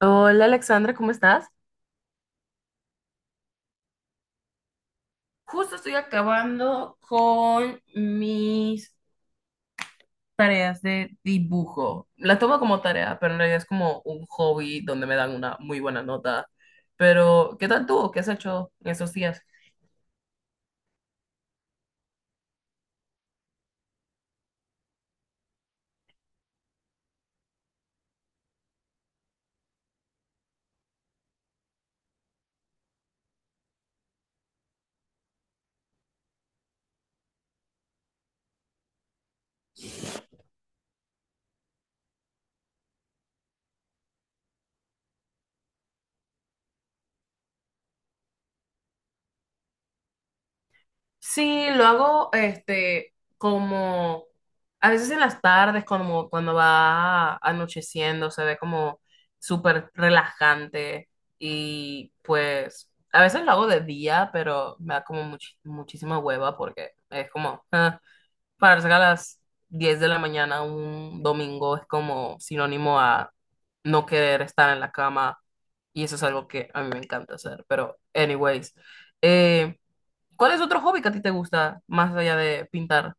Hola Alexandra, ¿cómo estás? Justo estoy acabando con mis tareas de dibujo. La tomo como tarea, pero en realidad es como un hobby donde me dan una muy buena nota. Pero, ¿qué tal tú? ¿Qué has hecho en esos días? Sí, lo hago este como a veces en las tardes, como cuando va anocheciendo, se ve como súper relajante y pues a veces lo hago de día, pero me da como muchísima hueva porque es como pararse a las 10 de la mañana un domingo es como sinónimo a no querer estar en la cama y eso es algo que a mí me encanta hacer, pero anyways. eh, ¿Cuál es otro hobby que a ti te gusta más allá de pintar?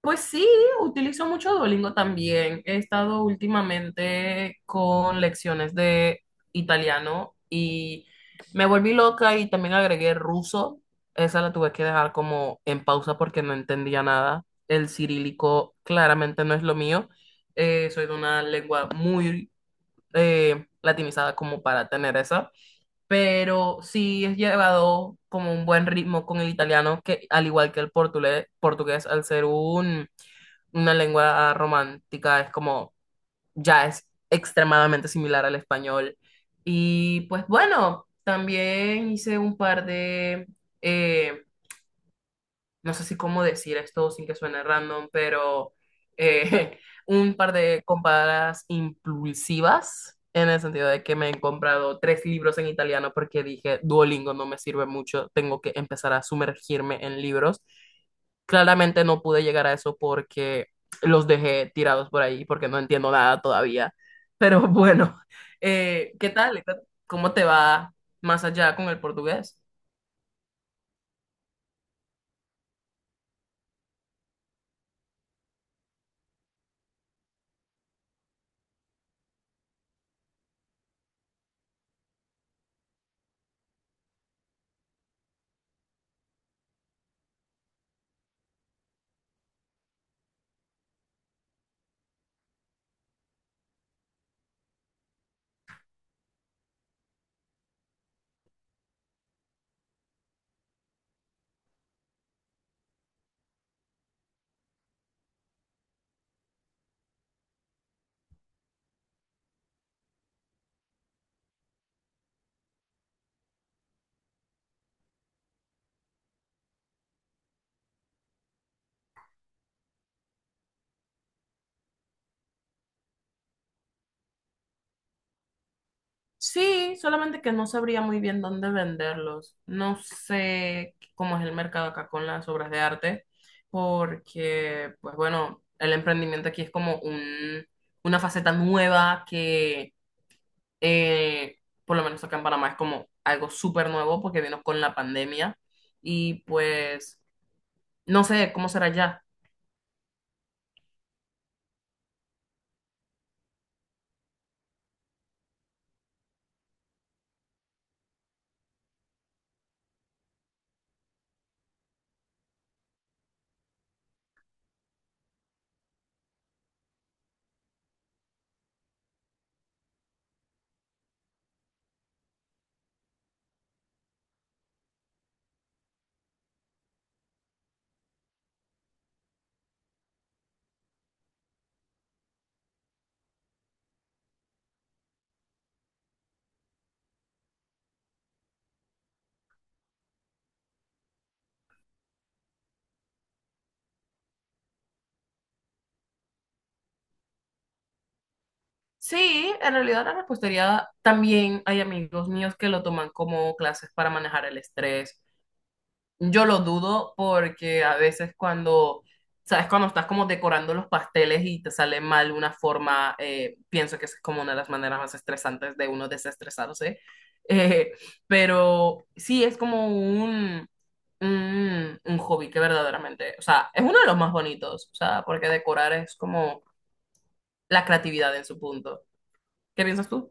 Pues sí, utilizo mucho Duolingo también. He estado últimamente con lecciones de italiano y me volví loca y también agregué ruso. Esa la tuve que dejar como en pausa porque no entendía nada. El cirílico claramente no es lo mío. Soy de una lengua muy latinizada como para tener esa. Pero sí es llevado como un buen ritmo con el italiano, que al igual que el portugués, al ser una lengua romántica, es como ya es extremadamente similar al español. Y pues bueno, también hice un par de, eh, no sé si cómo decir esto sin que suene random, pero eh, un par de compras impulsivas, en el sentido de que me he comprado tres libros en italiano porque dije, Duolingo no me sirve mucho, tengo que empezar a sumergirme en libros. Claramente no pude llegar a eso porque los dejé tirados por ahí, porque no entiendo nada todavía. Pero bueno, ¿qué tal? ¿Cómo te va más allá con el portugués? Sí, solamente que no sabría muy bien dónde venderlos. No sé cómo es el mercado acá con las obras de arte, porque, pues bueno, el emprendimiento aquí es como una faceta nueva que, eh, por lo menos acá en Panamá, es como algo súper nuevo porque vino con la pandemia y pues no sé cómo será ya. Sí, en realidad la repostería también hay amigos míos que lo toman como clases para manejar el estrés. Yo lo dudo porque a veces sabes, cuando estás como decorando los pasteles y te sale mal una forma, pienso que esa es como una de las maneras más estresantes de uno desestresarse. Eh, pero sí, es como un hobby que verdaderamente, o sea, es uno de los más bonitos, o sea, porque decorar es como la creatividad en su punto. ¿Qué piensas tú?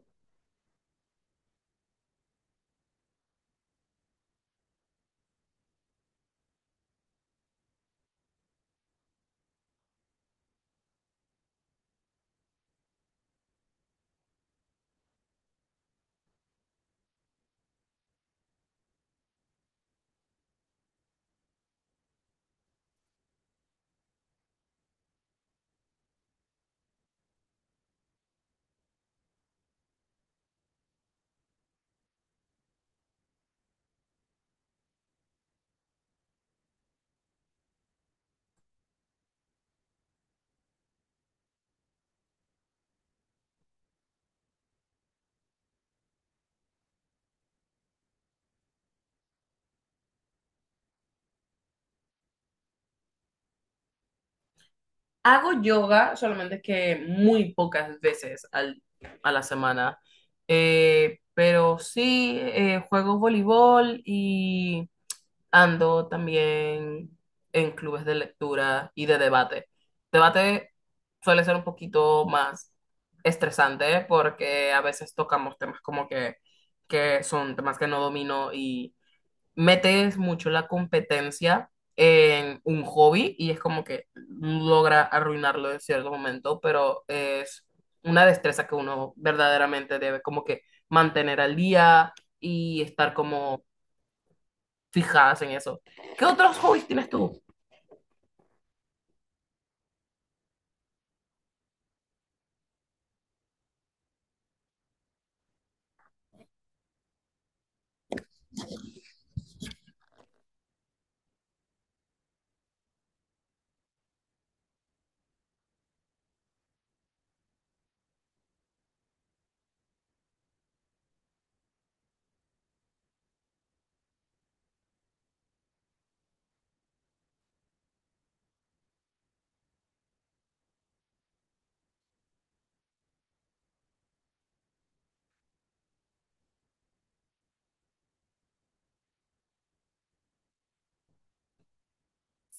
Hago yoga solamente que muy pocas veces a la semana. Pero sí, juego voleibol y ando también en clubes de lectura y de debate. Debate suele ser un poquito más estresante porque a veces tocamos temas como que son temas que no domino y metes mucho la competencia en un hobby y es como que logra arruinarlo en cierto momento, pero es una destreza que uno verdaderamente debe como que mantener al día y estar como fijadas en eso. ¿Qué otros hobbies tienes tú?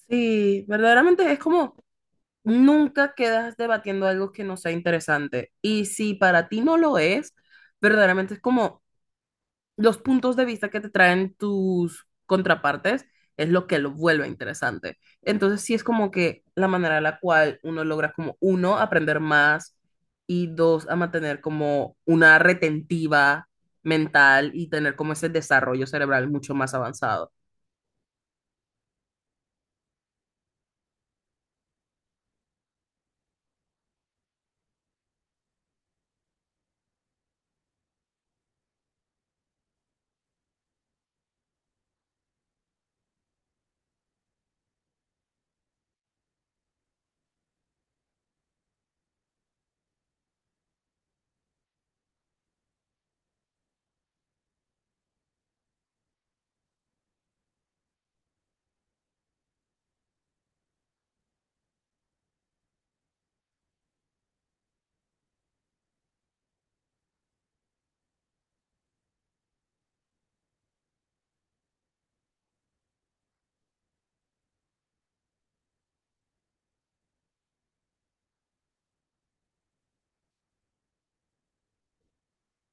Sí, verdaderamente es como nunca quedas debatiendo algo que no sea interesante. Y si para ti no lo es, verdaderamente es como los puntos de vista que te traen tus contrapartes es lo que lo vuelve interesante. Entonces, sí es como que la manera en la cual uno logra como, uno, aprender más y dos, a mantener como una retentiva mental y tener como ese desarrollo cerebral mucho más avanzado.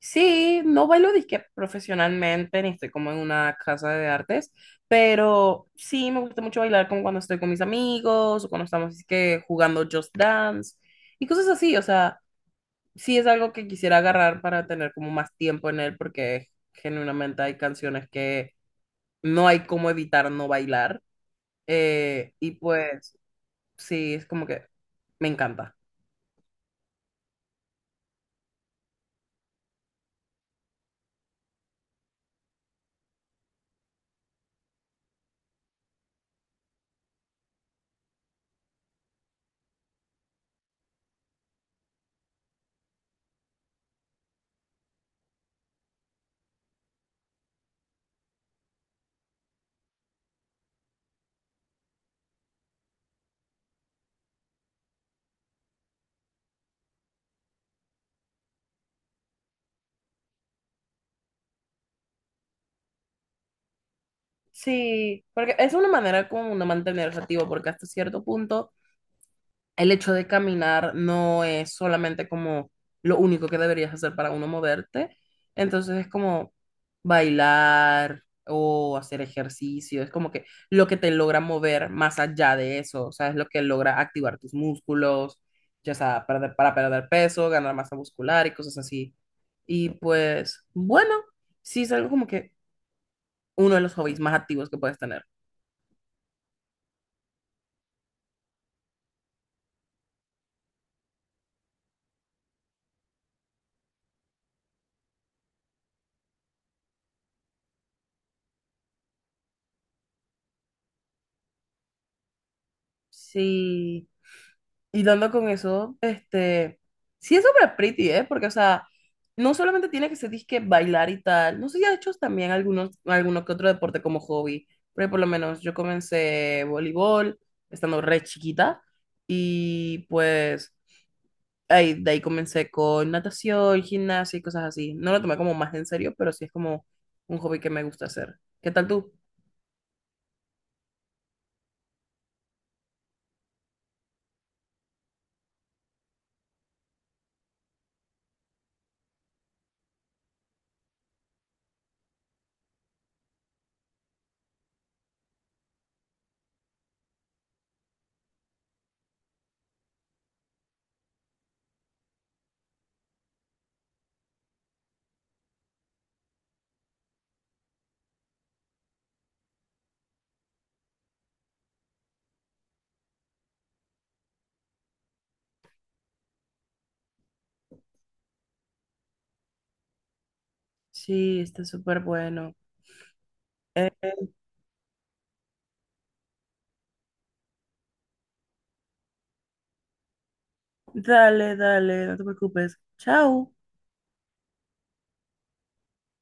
Sí, no bailo disque profesionalmente, ni estoy como en una casa de artes, pero sí me gusta mucho bailar como cuando estoy con mis amigos o cuando estamos así que jugando Just Dance y cosas así, o sea, sí es algo que quisiera agarrar para tener como más tiempo en él porque genuinamente hay canciones que no hay cómo evitar no bailar, y pues sí, es como que me encanta. Sí, porque es una manera como de mantenerse activo porque hasta cierto punto el hecho de caminar no es solamente como lo único que deberías hacer para uno moverte. Entonces es como bailar o hacer ejercicio. Es como que lo que te logra mover más allá de eso. O sea, es lo que logra activar tus músculos, ya sea para perder peso, ganar masa muscular y cosas así. Y pues, bueno, sí es algo como que uno de los hobbies más activos que puedes tener. Sí. Y dando con eso, este, sí es súper pretty, ¿eh? Porque, o sea, no solamente tiene que ser disque bailar y tal, no sé si ha hecho también alguno que otro deporte como hobby, pero por lo menos yo comencé voleibol estando re chiquita y pues ahí, de ahí comencé con natación, gimnasia y cosas así. No lo tomé como más en serio, pero sí es como un hobby que me gusta hacer. ¿Qué tal tú? Sí, está súper bueno. Eh, Dale, dale, no te preocupes. Chao.